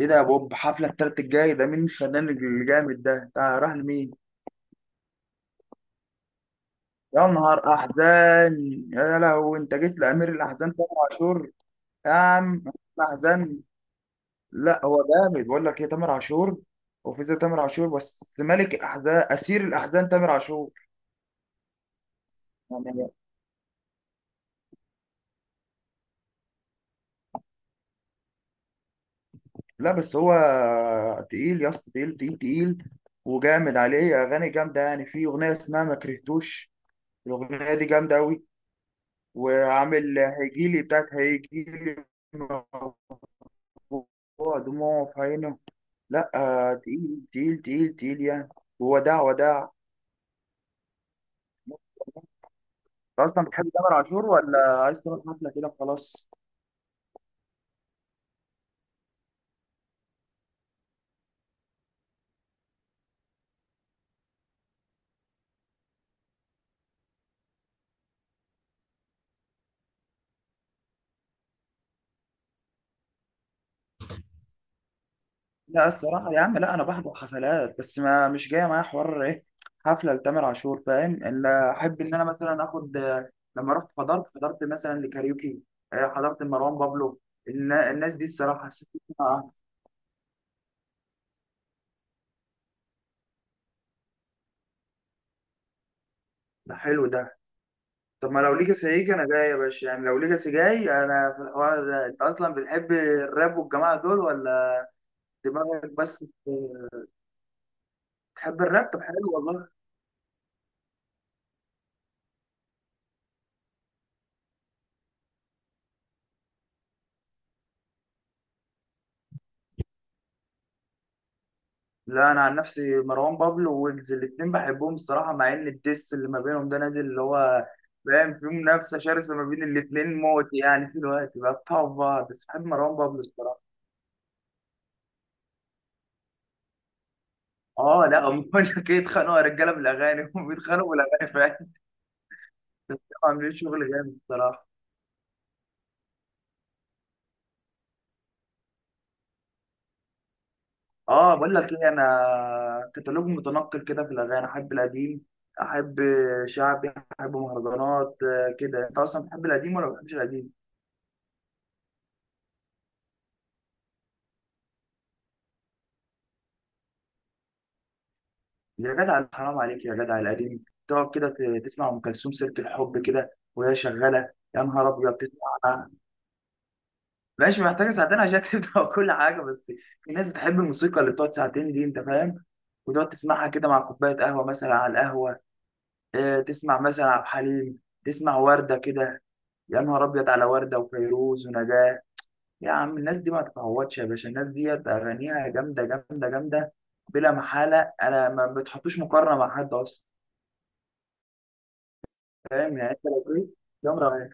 ايه ده يا بوب؟ حفلة التالت الجاي ده مين الفنان الجامد ده؟ ده راح لمين؟ يا نهار احزان. يا لهوي، انت جيت لامير الاحزان تامر عاشور. يا عم، الاحزان. لا هو جامد، بقول لك ايه، تامر عاشور. وفي زي تامر عاشور؟ بس ملك الاحزان، اسير الاحزان، تامر عاشور. يعني، لا بس هو تقيل يا اسطى، تقيل تقيل تقيل. وجامد، عليه اغاني جامده، يعني في اغنيه اسمها ما كرهتوش، الاغنيه دي جامده قوي. وعامل هيجيلي، بتاعت هيجيلي، موضوع دموع في عينه. لا، تقيل تقيل تقيل تقيل يعني، ووداع وداع. انت اصلا بتحب تامر عاشور، ولا عايز تروح حفله كده وخلاص؟ لا الصراحه يا عم، لا انا بحضر حفلات، بس ما مش جايه معايا حوار ايه حفله لتامر عاشور. فاهم؟ ان احب ان انا مثلا اخد لما رحت حضرت مثلا لكاريوكي، حضرت مروان بابلو. الناس دي الصراحه حسيت إن أنا- آه، ده حلو ده. طب ما لو ليجاسي هيجي انا جاي يا باشا، يعني لو ليجاسي جاي انا في الحوار ده. انت اصلا بتحب الراب والجماعه دول ولا؟ دماغك بس. بتحب الراب؟ طب حلو والله. لا انا عن نفسي مروان بابلو وويجز الاتنين بحبهم الصراحه، مع ان الديس اللي ما بينهم ده نازل اللي هو، فاهم، في منافسه شرسه ما بين الاتنين موت يعني، في الوقت بقى بتاعوا في بعض، بس بحب مروان بابلو الصراحه. اه لا هم بقول لك ايه، اتخانقوا يا رجاله بالاغاني هم بيتخانقوا بالاغاني فعلا، عاملين شغل جامد الصراحه. اه بقول لك ايه، انا كتالوج متنقل كده في الاغاني، احب القديم، احب شعبي، احب مهرجانات، كده. انت اصلا بتحب القديم ولا ما بتحبش القديم؟ يا جدع حرام عليك يا جدع، القديم تقعد كده تسمع ام كلثوم، سيره الحب كده وهي شغاله، يا نهار ابيض تسمع. ماشي، محتاجه ساعتين عشان تبدا كل حاجه، بس في ناس بتحب الموسيقى اللي بتقعد ساعتين دي، انت فاهم؟ وتقعد تسمعها كده مع كوبايه قهوه، مثلا على القهوه، تسمع مثلا عبد الحليم، تسمع ورده كده. يا نهار ابيض على ورده وفيروز ونجاة. يا عم الناس دي ما تتعوضش يا باشا، الناس دي اغانيها جامده جامده جامده، بلا محاله. انا ما بتحطوش مقارنه مع حد اصلا، فاهم يعني؟ انت لو ايه، جمرة.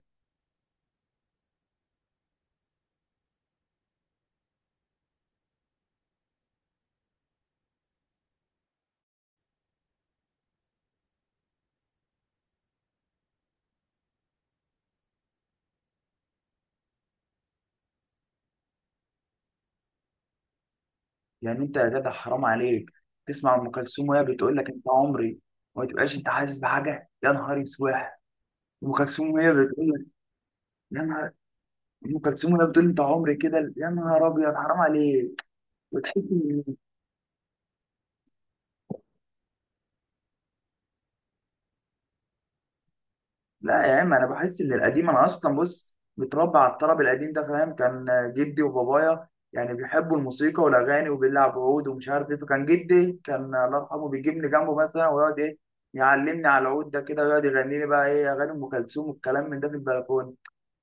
يعني انت يا جدع حرام عليك، تسمع ام كلثوم وهي بتقول لك انت عمري، وما تبقاش انت حاسس بحاجه؟ يا نهار اسواح. ام كلثوم وهي بتقول لك، يا نهار، ام كلثوم وهي بتقول انت عمري كده، يا نهار ابيض، حرام عليك. وتحس. لا يا عم انا بحس ان القديم، انا اصلا بص متربى على الطرب القديم ده، فاهم؟ كان جدي وبابايا يعني بيحبوا الموسيقى والاغاني وبيلعب عود ومش عارف ايه. فكان جدي، كان الله يرحمه، بيجيبني جنبه مثلا ويقعد ايه، يعلمني على العود ده كده، ويقعد يغني لي بقى ايه اغاني ام كلثوم والكلام من ده في البلكونه.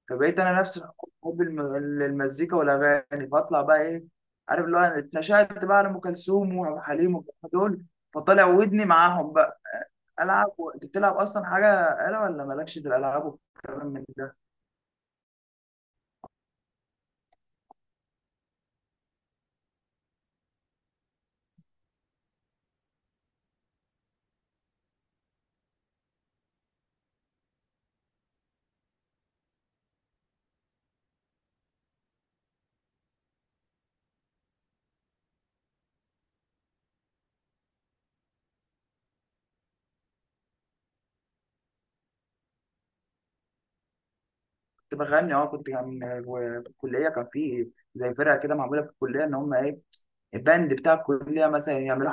فبقيت انا نفسي حب المزيكا والاغاني. فاطلع بقى ايه، عارف اللي هو، أنا اتنشأت بقى على ام كلثوم وعبد الحليم والجماعة دول، فطلع ودني معاهم بقى. العب انت بتلعب اصلا حاجه، آلة، ولا مالكش في الالعاب والكلام من ده؟ كنت بغني، في الكليه، كان في زي فرقه كده معموله في الكليه، ان هم ايه الباند بتاع الكليه مثلا، يعملوا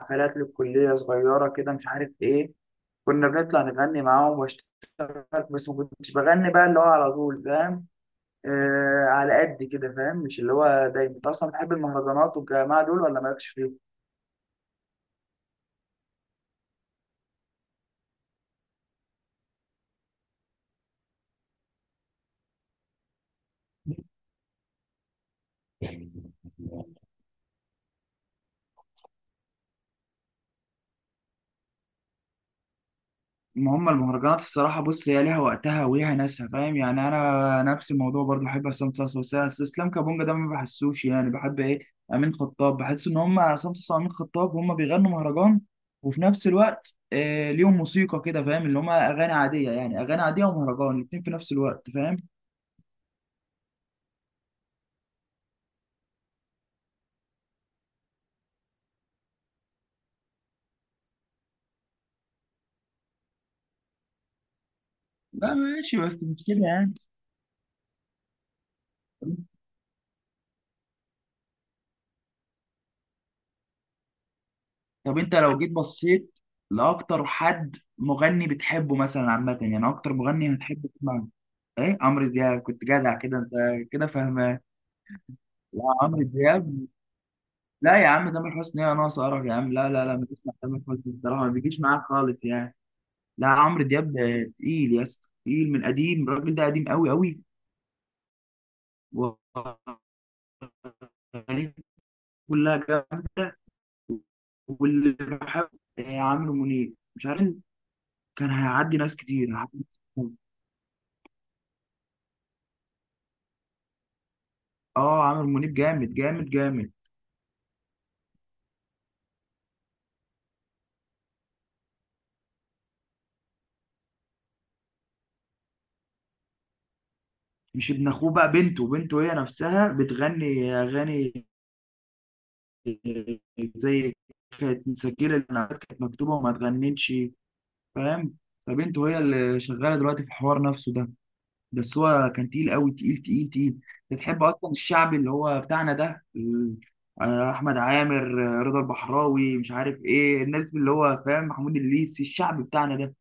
حفلات للكليه صغيره كده، مش عارف ايه. كنا بنطلع نغني معاهم واشتغل، بس ما كنتش بغني بقى اللي هو على طول، فاهم؟ آه على قد كده، فاهم؟ مش اللي هو دايما. انت اصلا بتحب المهرجانات والجماعه دول ولا مالكش فيهم؟ ما هم المهرجانات الصراحة بص هي ليها وقتها وليها ناسها، فاهم يعني؟ أنا نفس الموضوع برضو بحب عصام صاصا، بس إسلام كابونجا ده ما بحسوش. يعني بحب إيه، أمين خطاب. بحس إن هم عصام صاصا وأمين خطاب هم بيغنوا مهرجان، وفي نفس الوقت آه ليهم موسيقى كده، فاهم؟ اللي هم أغاني عادية، يعني أغاني عادية ومهرجان الاتنين في نفس الوقت، فاهم؟ لا ماشي بس مش كده يعني. طب انت لو جيت بصيت لاكتر حد مغني بتحبه مثلا عامه، يعني اكتر مغني هتحب تسمعه؟ ايه، عمرو دياب، كنت جدع كده انت، كده فاهمان. لا عمرو دياب. لا يا عم تامر حسني ايه ناقص قرف يا عم، لا لا لا، ما بسمع تامر حسني بصراحه، ما بيجيش معاك خالص يعني. لا عمرو دياب ده تقيل يا اسطى تقيل، من قديم الراجل ده قديم قوي قوي، واغانيه كلها جامده. واللي بحب، عمرو منيب، مش عارف، كان هيعدي ناس كتير. اه عامر منيب، جامد جامد جامد. مش ابن اخوه بقى، بنته، بنته هي نفسها بتغني اغاني زي، كانت مسجله النعات كانت مكتوبه وما تغنتش، فاهم؟ فبنته هي اللي شغاله دلوقتي في الحوار نفسه ده. بس هو كان تقيل قوي، تقيل تقيل تقيل. بتحب اصلا الشعبي اللي هو بتاعنا ده احمد عامر، رضا البحراوي، مش عارف ايه الناس اللي هو، فاهم، محمود الليثي، الشعب بتاعنا ده.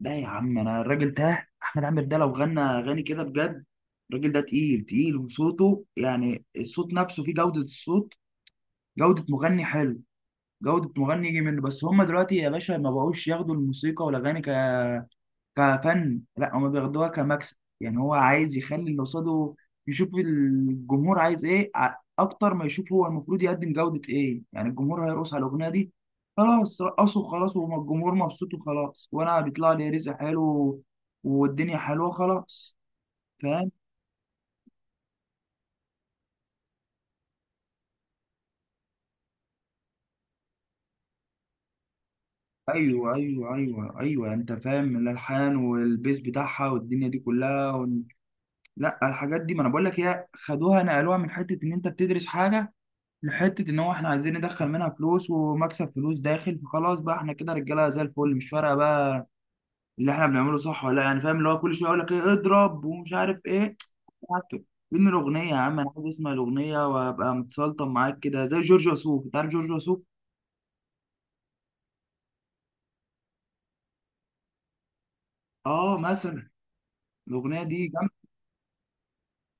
لا يا عم انا الراجل ده احمد عامر ده لو غنى اغاني كده بجد، الراجل ده تقيل تقيل، وصوته يعني الصوت نفسه فيه جودة الصوت، جودة مغني حلو، جودة مغني يجي منه. بس هما دلوقتي يا باشا ما بقوش ياخدوا الموسيقى والاغاني كفن، لا هما بياخدوها كمكسب، يعني هو عايز يخلي اللي قصاده يشوف الجمهور عايز ايه اكتر ما يشوف، هو المفروض يقدم جودة ايه. يعني الجمهور هيرقص على الاغنية دي، خلاص رقصوا خلاص، والجمهور مبسوط وخلاص، وانا بيطلع لي رزق حلو، والدنيا حلوه خلاص، فاهم؟ ايوه ايوه ايوه ايوه، يعني انت فاهم الالحان والبيس بتاعها والدنيا دي كلها، وال... لا الحاجات دي، ما انا بقول لك، هي خدوها نقلوها من حته ان انت بتدرس حاجه لحته ان هو احنا عايزين ندخل منها فلوس ومكسب، فلوس داخل، فخلاص بقى احنا كده رجاله زي الفل، مش فارقه بقى اللي احنا بنعمله صح ولا لا، يعني فاهم؟ اللي هو كل شويه يقول لك ايه، اضرب ومش عارف ايه. عك- فين الاغنيه يا عم، انا عايز اسمع الاغنيه وابقى متسلطن معاك كده زي جورج وسوف. انت عارف جورج وسوف؟ اه مثلا. الاغنيه دي جامده.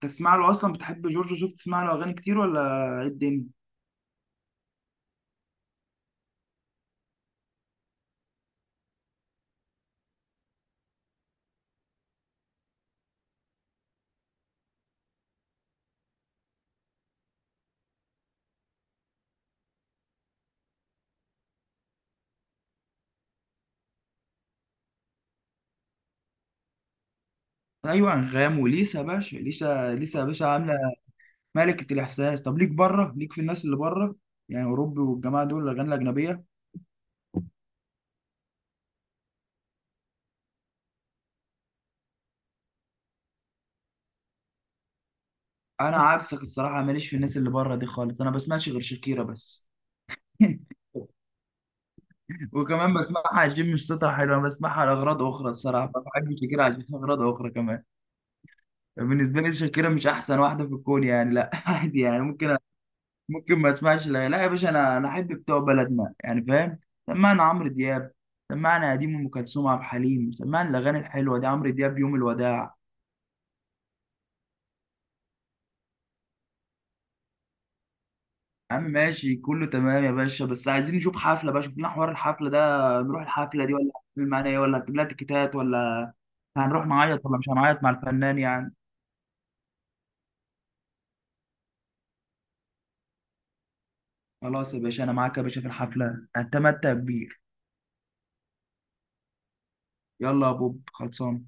تسمع له اصلا؟ بتحب جورج وسوف؟ تسمع له اغاني كتير ولا ايه الدنيا؟ ايوه انغام وليسا يا باشا، ليسا ليسا يا باشا عامله ملكة الإحساس. طب ليك بره؟ ليك في الناس اللي بره يعني، أوروبي والجماعة دول، الأغاني الأجنبية. أنا عكسك الصراحة، ماليش في الناس اللي بره دي خالص، أنا بسمعش غير شاكيرا بس وكمان بسمعها عشان مش صوتها حلو، أنا بسمعها لأغراض أخرى الصراحة، ما بحبش شاكيرا عشان أغراض أخرى كمان. بالنسبة لي شاكيرا مش أحسن واحدة في الكون يعني، لا عادي يعني، ممكن، ما أسمعش. لا لا يا باشا، أنا أحب بتوع بلدنا يعني، فاهم؟ سمعنا عمرو دياب، سمعنا قديم أم كلثوم عبد الحليم، سمعنا الأغاني الحلوة دي، عمرو دياب يوم الوداع. يا عم ماشي كله تمام يا باشا، بس عايزين نشوف حفلة بقى، شوف لنا حوار الحفلة ده، نروح الحفلة دي ولا هتعمل معانا ايه ولا هتجيب لها تيكيتات ولا؟ هنروح نعيط ولا مش هنعيط مع الفنان يعني؟ خلاص يا باشا انا معاك يا باشا في الحفلة، هتمتع كبير. يلا يا بوب، خلصان.